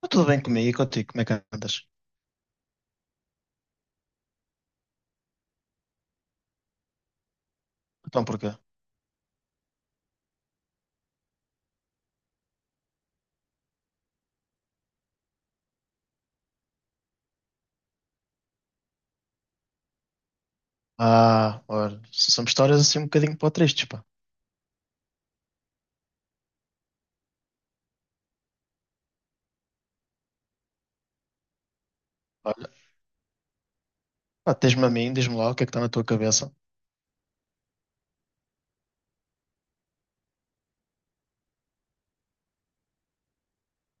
Está tudo bem comigo e contigo? Como é que andas? Então porquê? Ah, olha, são histórias assim um bocadinho para tristes, pá. Olha, pá, tens-me a mim, diz-me lá o que é que está na tua cabeça.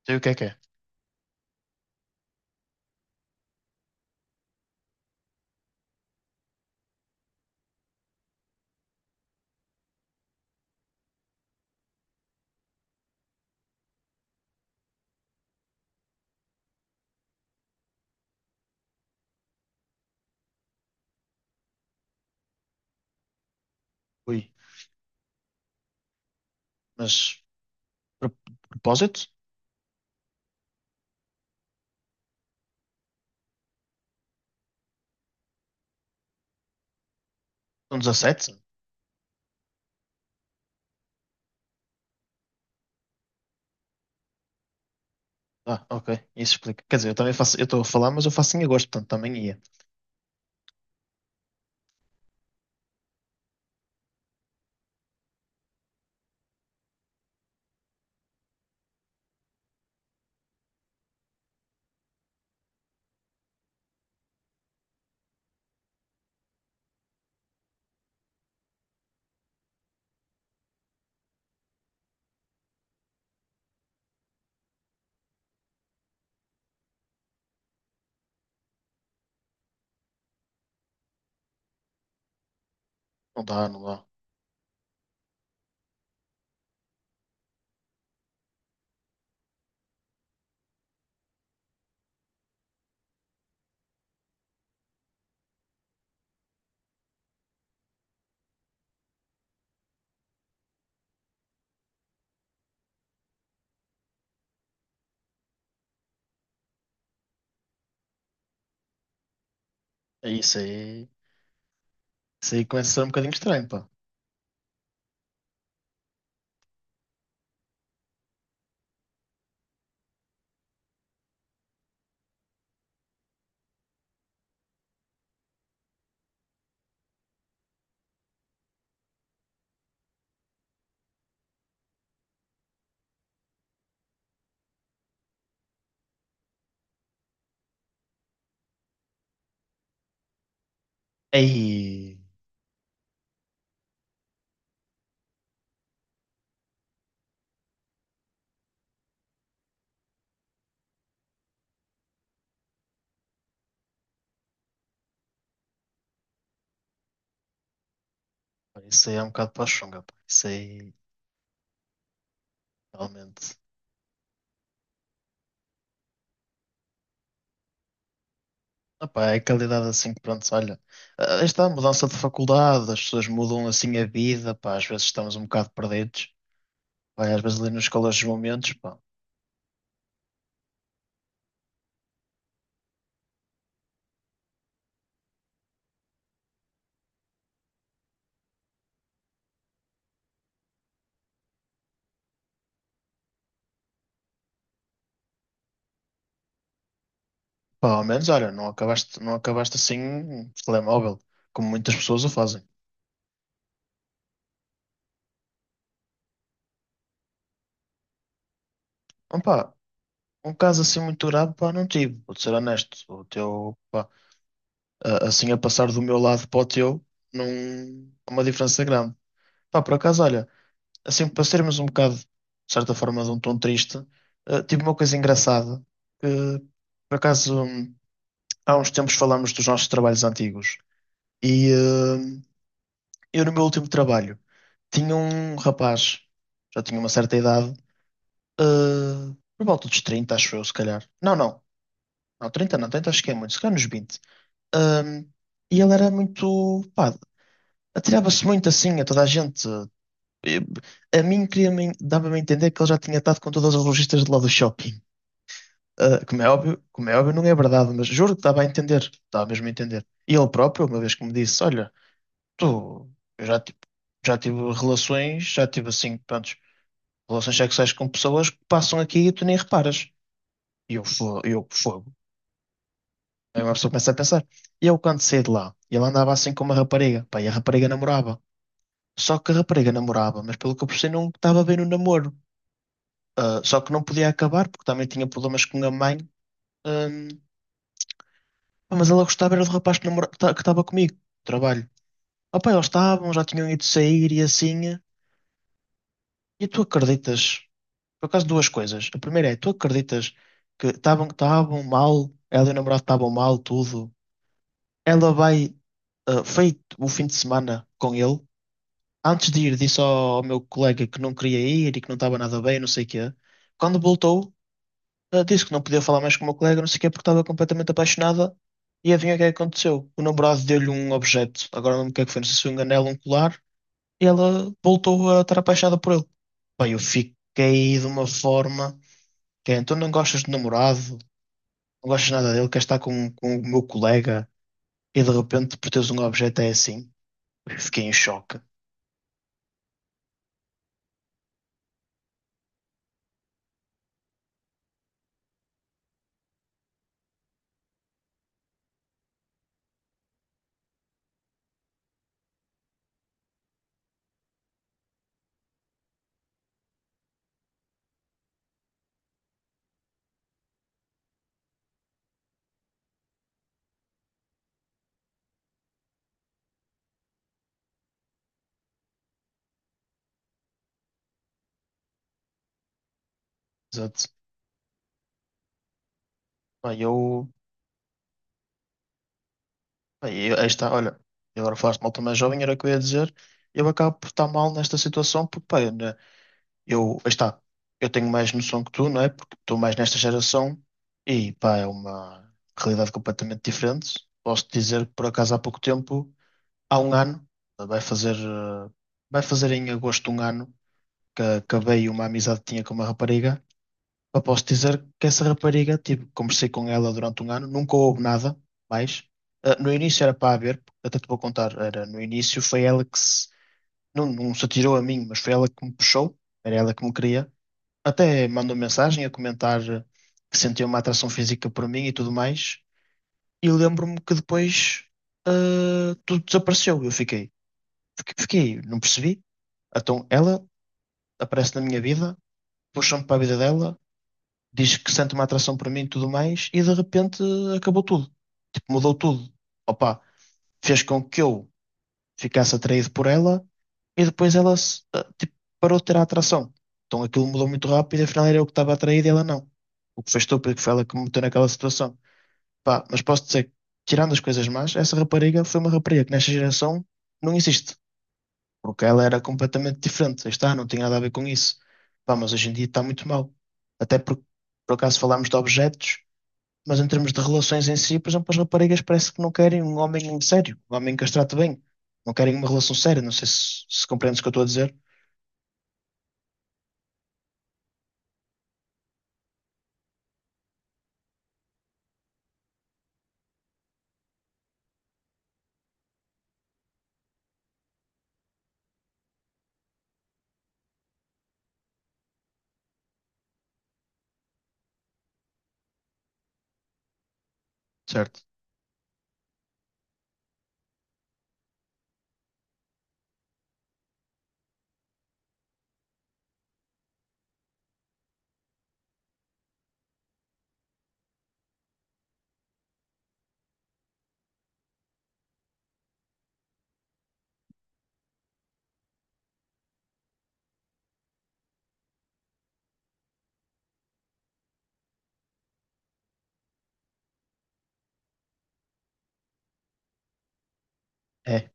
Sei o que é que é. Ui, mas pro- propósito? São 17. Ah, ok, isso explica. Quer dizer, eu também faço, eu estou a falar, mas eu faço em agosto, portanto também ia. Não dá, não dá. É isso aí. Isso aí começa a ser um bocadinho estranho, pá. Aí, isso aí é um bocado para a chunga, pá. Isso aí, realmente. Epá, é qualidade assim, pronto, olha, esta mudança de faculdade, as pessoas mudam assim a vida, pá, às vezes estamos um bocado perdidos, pá, e às vezes ali nos calores dos momentos, pá, ao menos, olha, não acabaste, não acabaste assim, por telemóvel, como muitas pessoas o fazem. Ah, pá, um caso assim muito grave, pá, não tive, vou ser honesto, o teu, pá, assim a passar do meu lado para o teu, não, há uma diferença grande. Pá, por acaso, olha, assim, para sermos um bocado, de certa forma, de um tom triste, tive uma coisa engraçada, que, por acaso, há uns tempos falámos dos nossos trabalhos antigos, e eu no meu último trabalho tinha um rapaz, já tinha uma certa idade, por volta dos 30 acho eu, se calhar. Não, não, não, 30 não, 30 acho que é muito, se calhar nos 20. Hum, e ele era muito, pá, atirava-se muito assim a toda a gente, eh, a mim dava-me a entender que ele já tinha estado com todas as lojistas de lá do shopping. Ah, como é óbvio, não é verdade, mas juro que dava a entender, dava mesmo a entender. E ele próprio, uma vez que me disse, olha, tu, eu já, tipo, já tive relações, já tive assim, prontos, relações sexuais com pessoas que passam aqui e tu nem reparas. E eu fogo. Aí uma pessoa começa a pensar. E eu quando saí de lá, ele andava assim com uma rapariga, pá, e a rapariga namorava. Só que a rapariga namorava, mas pelo que eu percebi não estava bem no namoro. Só que não podia acabar, porque também tinha problemas com a mãe. Hum, pá, mas ela gostava era do rapaz que estava comigo, no trabalho. Opa, eles estavam, já tinham ido sair e assim. E tu acreditas? Por acaso, duas coisas. A primeira é, tu acreditas que estavam mal, ela e o namorado estavam mal, tudo. Ela vai, ah, feito o fim de semana com ele. Antes de ir, disse ao meu colega que não queria ir e que não estava nada bem, não sei o quê. Quando voltou, ela disse que não podia falar mais com o meu colega, não sei o quê, porque estava completamente apaixonada. E adivinha o que é que aconteceu? O namorado deu-lhe um objeto, agora não lembro o que é que foi, não sei se foi um anel, um colar, e ela voltou a estar apaixonada por ele. Bem, eu fiquei de uma forma que é, então não gostas de namorado, não gostas nada dele, queres estar com o meu colega, e de repente por teres um objeto é assim. Eu fiquei em choque. Exato. Bem, eu, bem, aí está, olha, e agora falaste mal também jovem, era o que eu ia dizer, eu acabo por estar mal nesta situação, porque, bem, eu, aí está, eu tenho mais noção que tu, não é? Porque estou mais nesta geração e, pá, é uma realidade completamente diferente. Posso dizer que, por acaso, há pouco tempo, há um ano, vai fazer, eh, vai fazer em agosto um ano que acabei uma amizade que tinha com uma rapariga. Pá, posso dizer que essa rapariga, tipo, conversei com ela durante um ano, nunca houve nada mais. No início era para haver, até te vou contar, era no início foi ela que se, não, não se atirou a mim, mas foi ela que me puxou, era ela que me queria, até mandou mensagem a comentar que sentia uma atração física por mim e tudo mais. E lembro-me que depois ah, tudo desapareceu. Eu fiquei, fiquei, fiquei, não percebi. Então ela aparece na minha vida, puxa-me para a vida dela, diz que sente uma atração por mim e tudo mais, e de repente acabou tudo. Tipo, mudou tudo. Opa, fez com que eu ficasse atraído por ela e depois ela ah, tipo, parou de ter a atração. Então aquilo mudou muito rápido e afinal era eu que estava atraído e ela não. O que fez estúpido, que foi ela que me meteu naquela situação. Pá, mas posso dizer que, tirando as coisas más, essa rapariga foi uma rapariga que nesta geração não existe. Porque ela era completamente diferente. Aí está, não tinha nada a ver com isso. Pá, mas hoje em dia está muito mal. Até porque, por acaso, falámos de objetos, mas em termos de relações em si, por exemplo, as raparigas parece que não querem um homem sério, um homem que as trate bem. Não querem uma relação séria. Não sei se compreendes o que eu estou a dizer. Certo. É,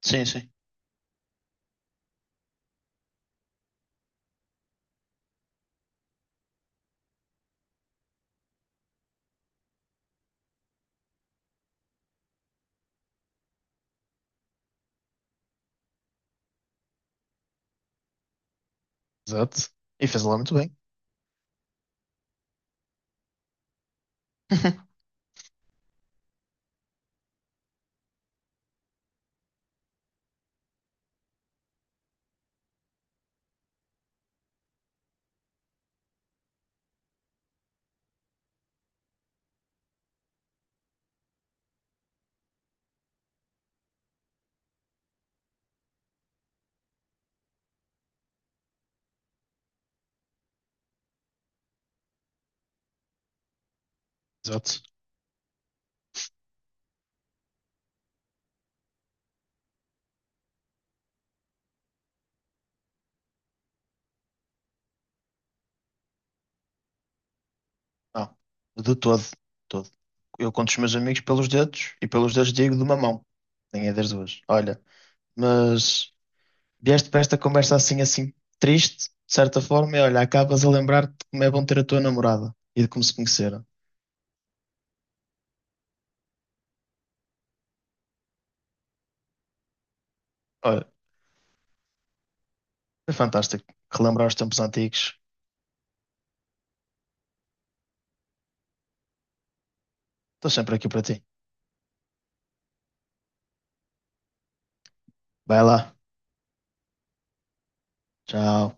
sim, sim. Exato. E fez lá muito bem. Exato. Não, de todo. De todo. Eu conto os meus amigos pelos dedos e pelos dedos digo de uma mão. Nem é das duas. Olha, mas vieste para esta conversa assim, assim, triste, de certa forma, e olha, acabas a lembrar-te de como é bom ter a tua namorada e de como se conheceram. Olha, foi fantástico relembrar os tempos antigos. Estou sempre aqui para ti. Vai lá. Tchau.